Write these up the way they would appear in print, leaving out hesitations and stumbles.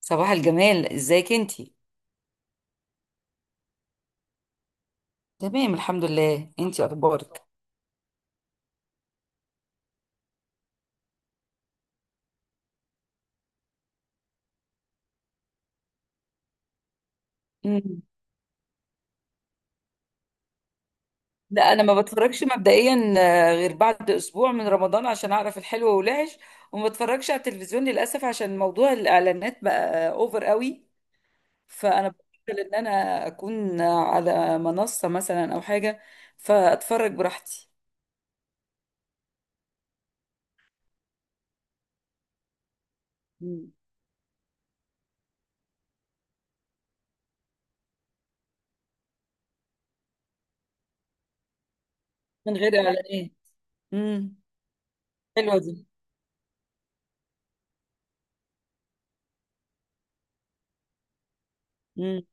صباح الجمال، ازيك انتي؟ تمام، الحمد لله. انتي اخبارك؟ مم. لا، انا ما بتفرجش مبدئيا، غير بعد اسبوع من رمضان عشان اعرف الحلو والوحش. وما بتفرجش على التلفزيون للاسف عشان موضوع الاعلانات بقى اوفر قوي. فانا بفضل ان انا اكون على منصة مثلا او حاجة، فاتفرج براحتي. مم. من غير اعلانات. امم. حلوة دي. امم.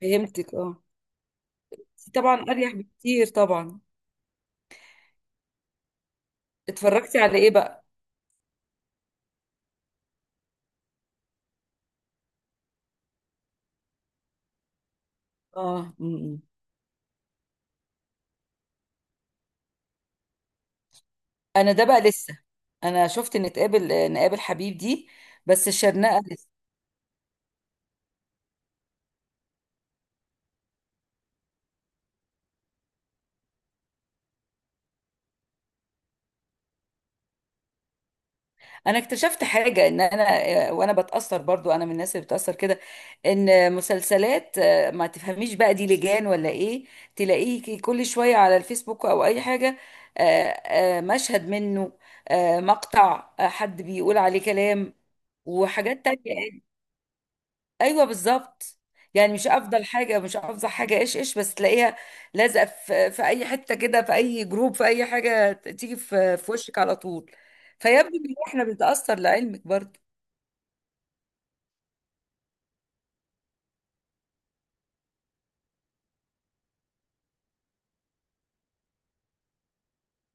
فهمتك. اه، طبعا اريح بكتير طبعا. اتفرجتي على ايه بقى؟ اه. مم. انا ده بقى لسه. انا شفت ان تقابل آه، نقابل حبيب دي، بس الشرنقه لسه. انا اكتشفت حاجه ان انا، وانا بتاثر برضو، انا من الناس اللي بتاثر كده. ان مسلسلات، ما تفهميش بقى دي لجان ولا ايه؟ تلاقيه كل شويه على الفيسبوك او اي حاجه، آه، مشهد منه، مقطع، حد بيقول عليه كلام، وحاجات تانية. ايوه، بالظبط. يعني مش افضل حاجه ايش ايش، بس تلاقيها لازقه في اي حته كده، في اي جروب، في اي حاجه، تيجي في وشك على طول. فيبدو ان احنا بنتاثر لعلمك برضه.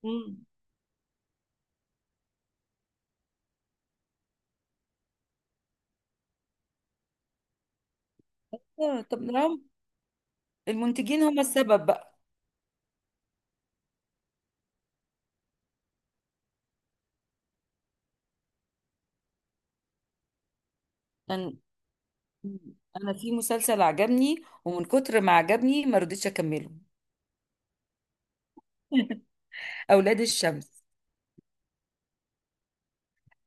مم. طب ما هم المنتجين هم السبب بقى. انا انا في مسلسل عجبني ومن كتر ما عجبني ما رضيتش اكمله. اولاد الشمس.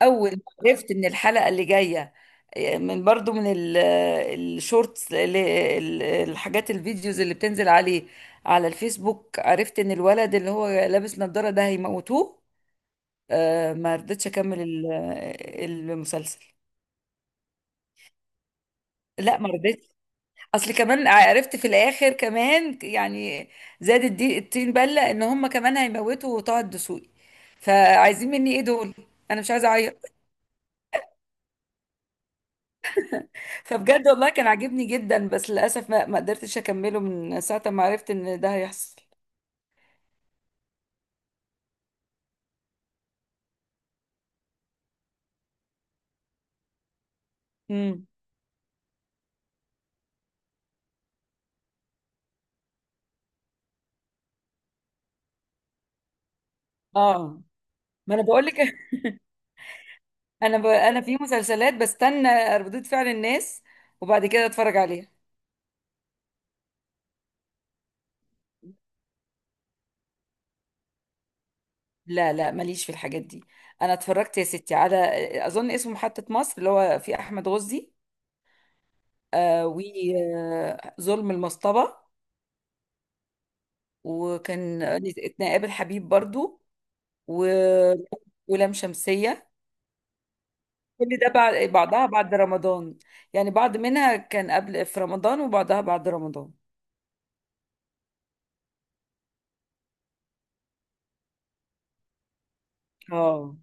اول ما عرفت ان الحلقه اللي جايه من برضو الشورتس، الحاجات، الفيديوز اللي بتنزل عليه على الفيسبوك، عرفت ان الولد اللي هو لابس نظاره ده هيموتوه. ما رضيتش اكمل المسلسل. لا، ما رضيتش. اصل كمان عرفت في الاخر كمان، يعني زادت دي الطين بله ان هم كمان هيموتوا طه الدسوقي. فعايزين مني ايه دول؟ انا مش عايزه اعيط. فبجد والله كان عاجبني جدا، بس للاسف ما قدرتش اكمله من ساعه ما عرفت ان ده هيحصل. امم. اه. ما انا بقول لك. انا في مسلسلات بستنى ردود فعل الناس، وبعد كده اتفرج عليها. لا لا، ماليش في الحاجات دي. انا اتفرجت يا ستي على، اظن اسمه محطة مصر اللي هو في احمد غزي، و ظلم المصطبة، وكان نتقابل حبيب برضو، و... ولام شمسية. كل ده بعد بعضها بعد رمضان، يعني بعض منها كان قبل في رمضان وبعضها بعد رمضان. اه.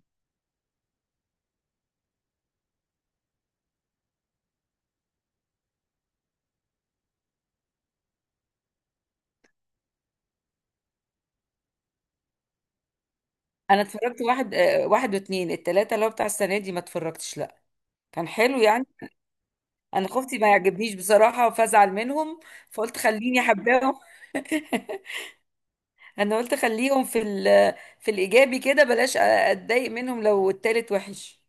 انا اتفرجت واحد، واتنين. التلاتة اللي هو بتاع السنة دي ما اتفرجتش، لا. كان حلو يعني. انا خفتي ما يعجبنيش بصراحة فازعل منهم، فقلت خليني احبهم. انا قلت خليهم في الايجابي كده، بلاش اتضايق منهم لو التالت وحش.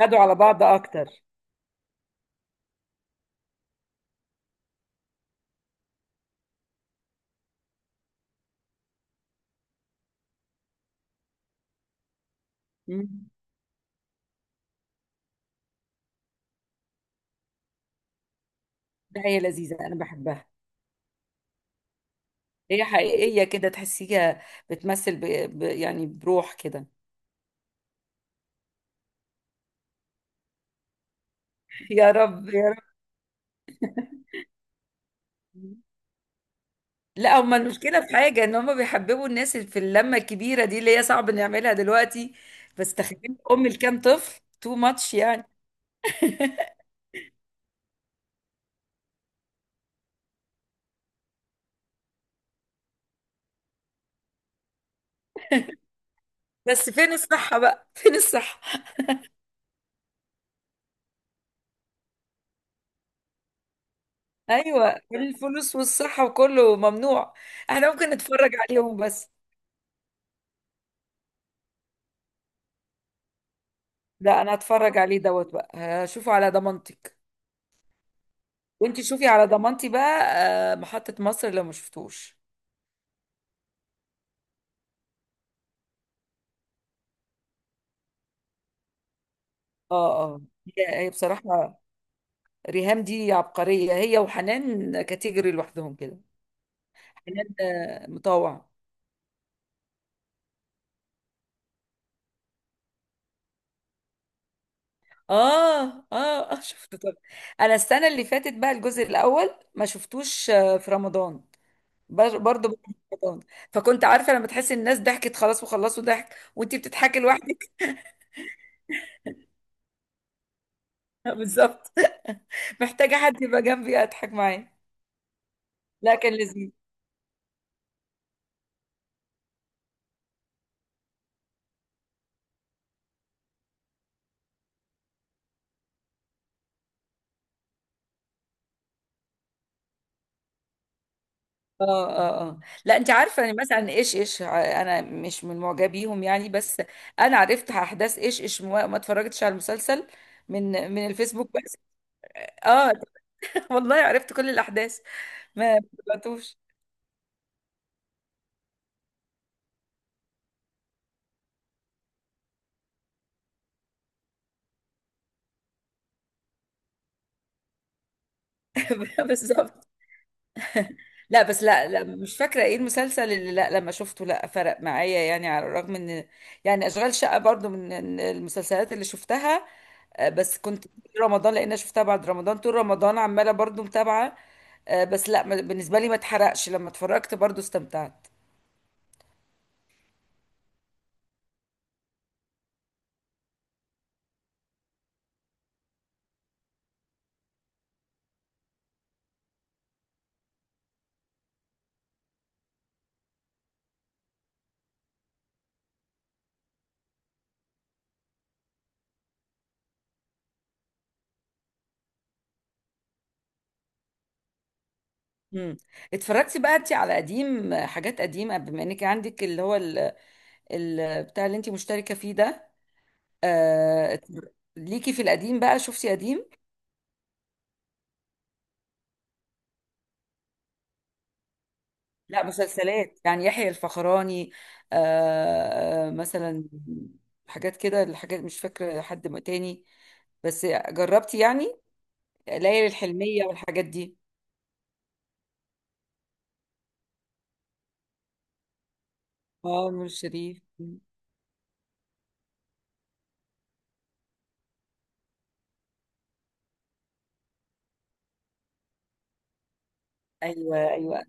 خدوا على بعض اكتر. مم. ده هي لذيذة انا بحبها. هي حقيقية كده تحسيها، بتمثل يعني بروح كده. يا رب يا رب. لا، هما المشكلة في حاجة ان هما بيحببوا الناس في اللمة الكبيرة دي اللي هي صعب نعملها دلوقتي. بس تخيل ام لكام طفل، تو ماتش يعني. بس فين الصحة بقى، فين الصحة؟ ايوه، الفلوس والصحة وكله ممنوع. احنا ممكن نتفرج عليهم بس. لا، انا هتفرج عليه دوت بقى، هشوفه على ضمانتك. وانت شوفي على ضمانتي بقى، محطة مصر لو ما شفتوش. اه اه. هي هي بصراحة، ريهام دي عبقرية، هي وحنان كاتيجوري لوحدهم كده. حنان مطوع. اه اه اه. شفت؟ طب انا السنة اللي فاتت بقى، الجزء الاول ما شفتوش في رمضان، برضه بعد رمضان. فكنت عارفة لما تحسي الناس ضحكت خلاص وخلصوا ضحك، وانتي بتضحكي لوحدك. بالظبط. محتاجة حد يبقى جنبي اضحك معاه. لا، كان لذيذ. اه اه اه. لا انت عارفه، يعني مثلا ايش ايش، انا مش من معجبيهم يعني. بس انا عرفت احداث ايش ايش، ما اتفرجتش على المسلسل من الفيسبوك بس. اه. والله عرفت كل الاحداث، ما تبعتوش. بالظبط. لا بس، لا لا، مش فاكره ايه المسلسل اللي لا لما شفته لا فرق معايا يعني. على الرغم ان، يعني اشغال شقه برضو من المسلسلات اللي شفتها، بس كنت طول رمضان، لان انا شفتها بعد رمضان، طول رمضان عماله برضو متابعه. بس لا، بالنسبه لي ما اتحرقش، لما اتفرجت برضو استمتعت. امم. اتفرجتي بقى انت على قديم، حاجات قديمه بما انك عندك اللي هو ال... بتاع اللي انت مشتركه فيه ده. آه، اتفر- ليكي في القديم بقى؟ شفتي قديم؟ لا، مسلسلات يعني يحيى الفخراني، مثلا، حاجات كده. الحاجات مش فاكره حد تاني، بس جربتي يعني ليالي الحلميه والحاجات دي؟ اه، نور شريف. ايوه ايوه.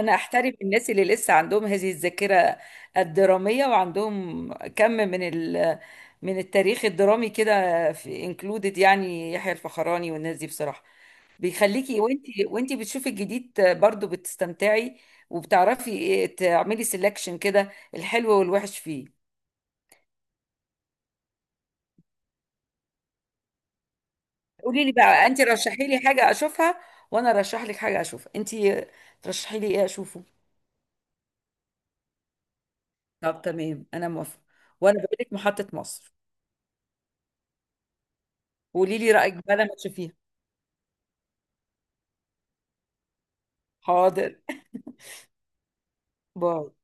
انا احترم الناس اللي لسه عندهم هذه الذاكره الدراميه، وعندهم كم من ال، من التاريخ الدرامي كده، في انكلودد يعني يحيى الفخراني والناس دي بصراحه. بيخليكي وانتي بتشوفي الجديد برضو بتستمتعي، وبتعرفي إيه تعملي سelection كده، الحلو والوحش فيه. قولي لي بقى انتي، رشحي لي حاجه اشوفها، وانا رشح لك حاجه اشوفها انتي. ترشحي لي ايه اشوفه؟ طب تمام، انا موافقه. وانا بقول لك محطة مصر. قولي لي رأيك بقى لما تشوفيها. حاضر. باي.